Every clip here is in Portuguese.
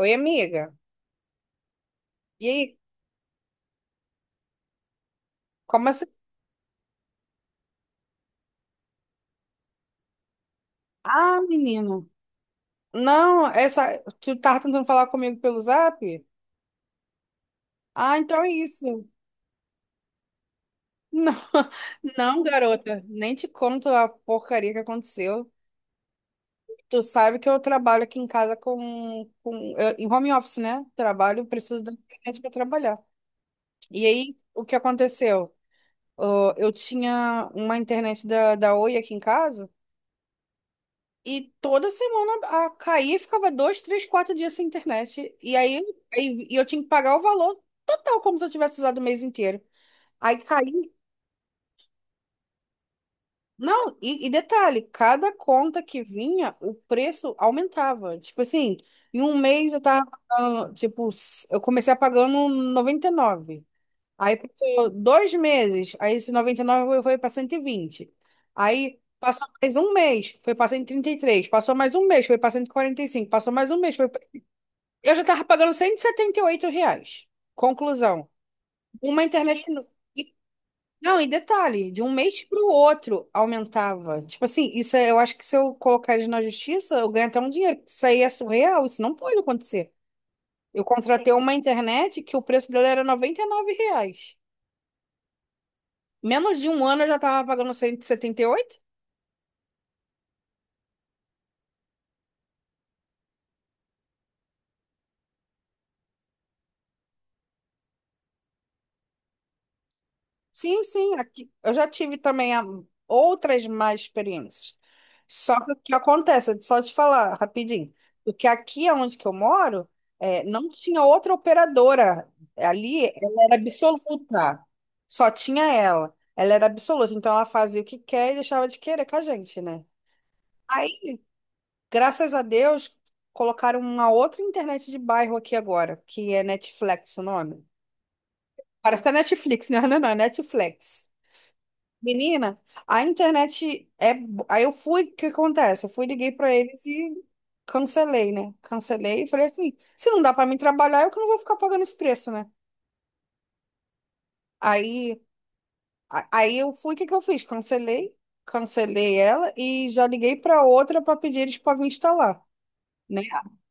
Oi, amiga. E aí, como assim? Ah, menino. Não, essa. Tu tava tentando falar comigo pelo zap? Ah, então é isso. Não, não, garota. Nem te conto a porcaria que aconteceu. Tu sabe que eu trabalho aqui em casa com em home office, né? Trabalho, preciso da internet para trabalhar. E aí, o que aconteceu? Ah, eu tinha uma internet da Oi aqui em casa. E toda semana a caía e ficava 2, 3, 4 dias sem internet. E aí, e eu tinha que pagar o valor total, como se eu tivesse usado o mês inteiro. Aí caí. Não, e detalhe, cada conta que vinha, o preço aumentava. Tipo assim, em um mês eu tava pagando, tipo, eu comecei a pagando 99. Aí passou 2 meses, aí esse 99 foi para 120. Aí passou mais um mês, foi para 133. Passou mais um mês, foi para 145. Passou mais um mês, foi. Eu já tava pagando cento e setenta e oito reais. Conclusão. Uma internet que. Não, e- não, e detalhe, de um mês para o outro aumentava. Tipo assim, eu acho que se eu colocar eles na justiça, eu ganho até um dinheiro. Isso aí é surreal, isso não pode acontecer. Eu contratei uma internet que o preço dela era R$99. Menos de um ano eu já tava pagando cento e setenta e oito. Sim, sim, aqui, eu já tive também outras más experiências. Só que o que acontece, só te falar rapidinho, porque aqui onde que eu moro, é, não tinha outra operadora. Ali ela era absoluta, só tinha ela. Ela era absoluta, então ela fazia o que quer e deixava de querer com a gente, né? Aí, graças a Deus, colocaram uma outra internet de bairro aqui agora, que é Netflix o nome. Parece a Netflix, né? Não, não, não, é Netflix. Menina, a internet é. Aí eu fui, o que acontece? Eu fui, liguei pra eles e cancelei, né? Cancelei e falei assim: se não dá pra mim trabalhar, eu que não vou ficar pagando esse preço, né? Aí, aí eu fui, o que que eu fiz? Cancelei, cancelei ela e já liguei pra outra pra pedir eles pra vir instalar, né?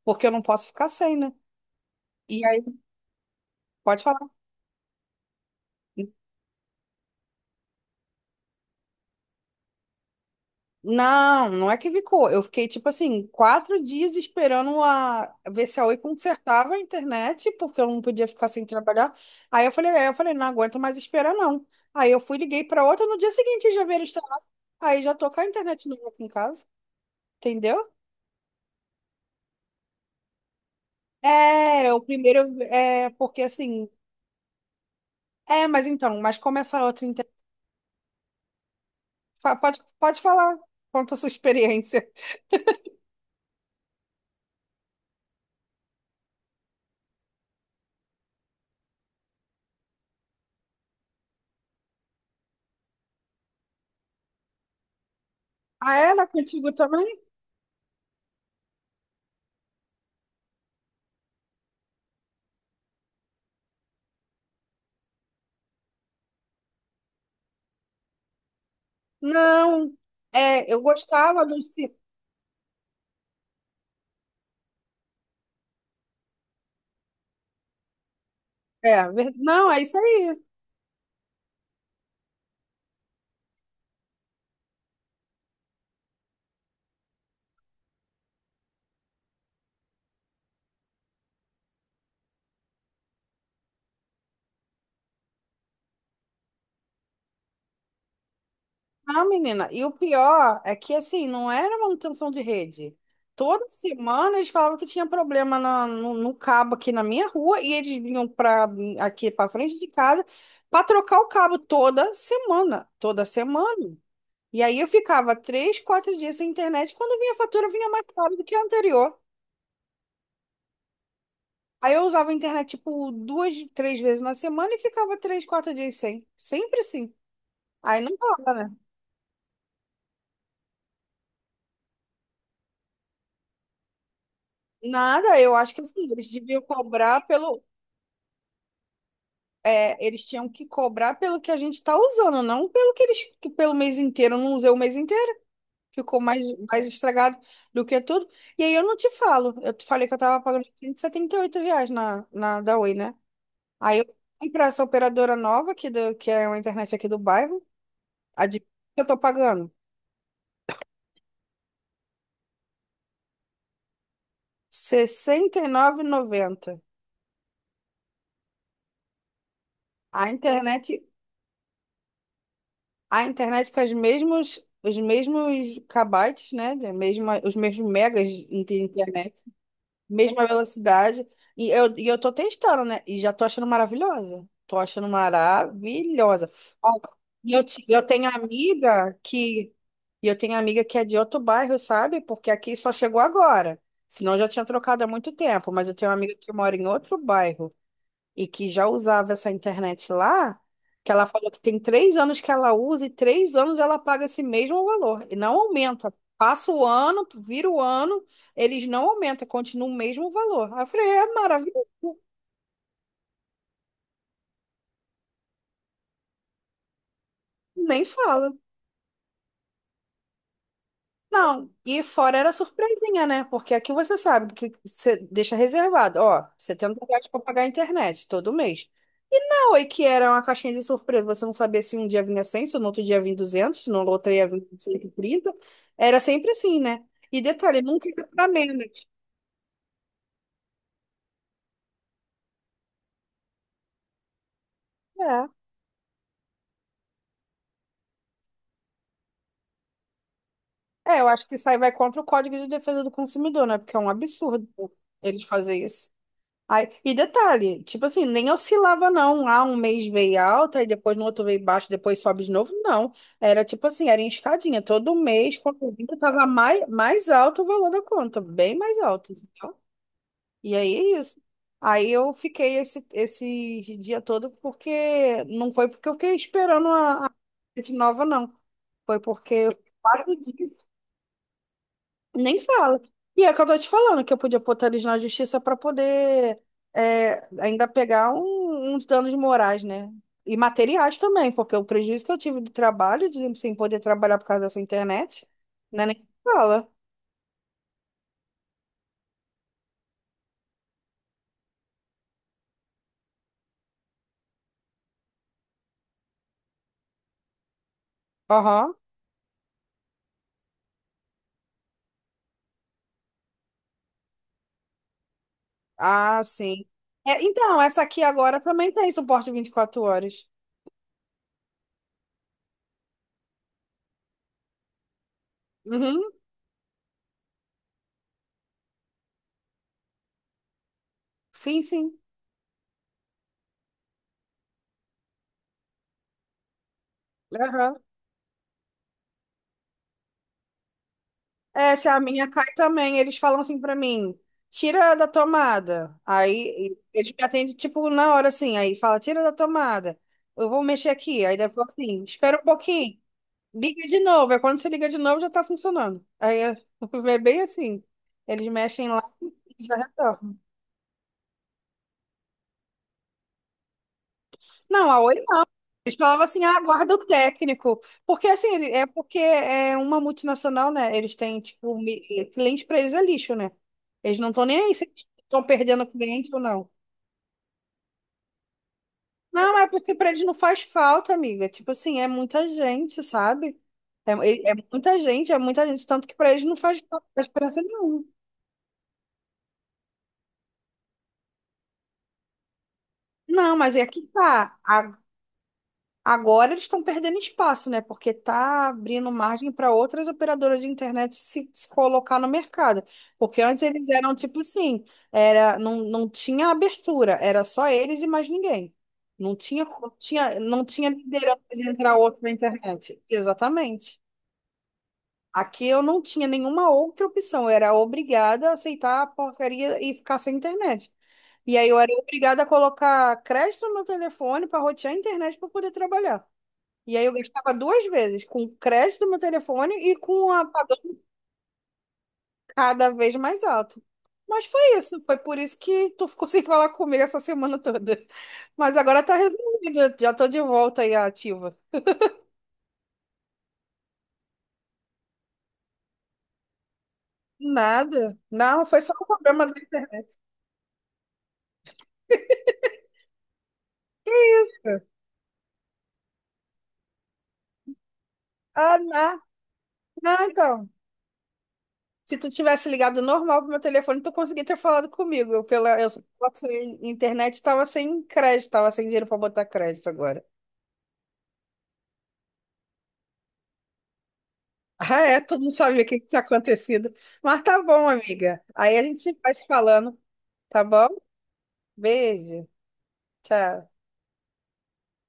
Porque eu não posso ficar sem, né? E aí, pode falar. Não, não é que ficou. Eu fiquei, tipo assim, 4 dias esperando a ver se a Oi consertava a internet, porque eu não podia ficar sem trabalhar. Aí eu falei, não aguento mais esperar, não. Aí eu fui, liguei pra outra, no dia seguinte já veio instalar. Aí já tô com a internet nova aqui em casa, entendeu? É, o primeiro é porque assim. É, mas então, mas como essa outra internet. Pode, pode falar, conta a sua experiência. Ah, era contigo também? Não. É, eu gostava do É, não, é isso aí. Não, menina. E o pior é que, assim, não era manutenção de rede. Toda semana eles falavam que tinha problema no cabo aqui na minha rua e eles vinham para aqui para frente de casa para trocar o cabo toda semana. Toda semana. E aí eu ficava 3, 4 dias sem internet. Quando vinha a fatura, vinha mais cara do que a anterior. Aí eu usava a internet, tipo, 2, 3 vezes na semana e ficava 3, 4 dias sem. Sempre assim. Aí não rola, né? Nada, eu acho que assim, eles deviam cobrar pelo. É, eles tinham que cobrar pelo que a gente está usando, não pelo que eles, que pelo mês inteiro. Eu não usei o mês inteiro, ficou mais, mais estragado do que tudo. E aí eu não te falo. Eu te falei que eu tava pagando R$178 na da Oi, né? Aí eu fui pra essa operadora nova, que é uma internet aqui do bairro. Adivinha o que eu tô pagando? 69,90. A internet, a internet com os mesmos kbytes, né? Os mesmos megas de internet, mesma velocidade. E eu tô testando, né? E já tô achando maravilhosa. Tô achando maravilhosa. Ó, eu tenho amiga que. E eu tenho amiga que é de outro bairro, sabe? Porque aqui só chegou agora. Senão eu já tinha trocado há muito tempo. Mas eu tenho uma amiga que mora em outro bairro e que já usava essa internet lá, que ela falou que tem 3 anos que ela usa e 3 anos ela paga esse mesmo valor e não aumenta. Passa o ano, vira o ano, eles não aumentam, continua o mesmo valor. Aí eu falei, é maravilhoso, nem fala. Não, e fora era surpresinha, né? Porque aqui você sabe que você deixa reservado, ó, R$70 para pagar a internet todo mês. Foi que era uma caixinha de surpresa. Você não sabia se um dia vinha 100, se no outro dia vinha 200, se no outro dia vinha 130. Era sempre assim, né? E detalhe, nunca ia pra menos. É. É, eu acho que isso aí vai contra o Código de Defesa do Consumidor, né? Porque é um absurdo eles fazerem isso. Aí, e detalhe, tipo assim, nem oscilava não. Ah, um mês veio alta, e depois no outro veio baixo, depois sobe de novo. Não. Era tipo assim, era em escadinha. Todo mês, quando vinha, tava mais, mais alto o valor da conta, bem mais alto. E aí é isso. Aí eu fiquei esse dia todo porque não foi porque eu fiquei esperando a de nova, não. Foi porque eu fiquei 4 dias. Nem fala. E é que eu tô te falando que eu podia botar eles na justiça para poder ainda pegar uns danos morais, né? E materiais também, porque o prejuízo que eu tive do trabalho, de sem poder trabalhar por causa dessa internet, não é nem que fala. Aham. Ah, sim. É, então, essa aqui agora também tem suporte 24 horas. Uhum. Sim, sim. Aham. É, se a minha cai também, eles falam assim pra mim, tira da tomada. Aí eles me atendem, tipo, na hora assim, aí fala, tira da tomada. Eu vou mexer aqui. Aí deve falar assim, espera um pouquinho, liga de novo. Aí quando você liga de novo, já tá funcionando. Aí é é bem assim. Eles mexem lá e já retornam. Não, a Oi. Eles falavam assim, ah, guarda o técnico. Porque assim, é porque é uma multinacional, né? Eles têm, tipo, cliente pra eles é lixo, né? Eles não estão nem aí se estão perdendo cliente ou não. Não, é porque pra eles não faz falta, amiga. Tipo assim, é muita gente, sabe? É, é muita gente, é muita gente. Tanto que pra eles não faz falta, não faz diferença nenhuma. Não, mas é que tá. a Agora eles estão perdendo espaço, né? Porque está abrindo margem para outras operadoras de internet se colocar no mercado. Porque antes eles eram tipo assim, era, não, não tinha abertura, era só eles e mais ninguém. Não tinha, tinha, não tinha liderança de entrar outro na internet. Exatamente. Aqui eu não tinha nenhuma outra opção, eu era obrigada a aceitar a porcaria e ficar sem internet. E aí eu era obrigada a colocar crédito no meu telefone para rotear a internet para poder trabalhar. E aí eu gastava duas vezes, com o crédito do meu telefone e com a pagando cada vez mais alto. Mas foi isso, foi por isso que tu ficou sem falar comigo essa semana toda. Mas agora tá resolvido, já tô de volta aí à ativa. Nada. Não, foi só um problema da internet. Ah, não. Não, então. Se tu tivesse ligado normal pro meu telefone, tu conseguia ter falado comigo. Pela internet tava sem crédito, tava sem dinheiro pra botar crédito agora. Ah, é, tu não sabia o que que tinha acontecido. Mas tá bom, amiga. Aí a gente vai se falando, tá bom? Beijo, tchau.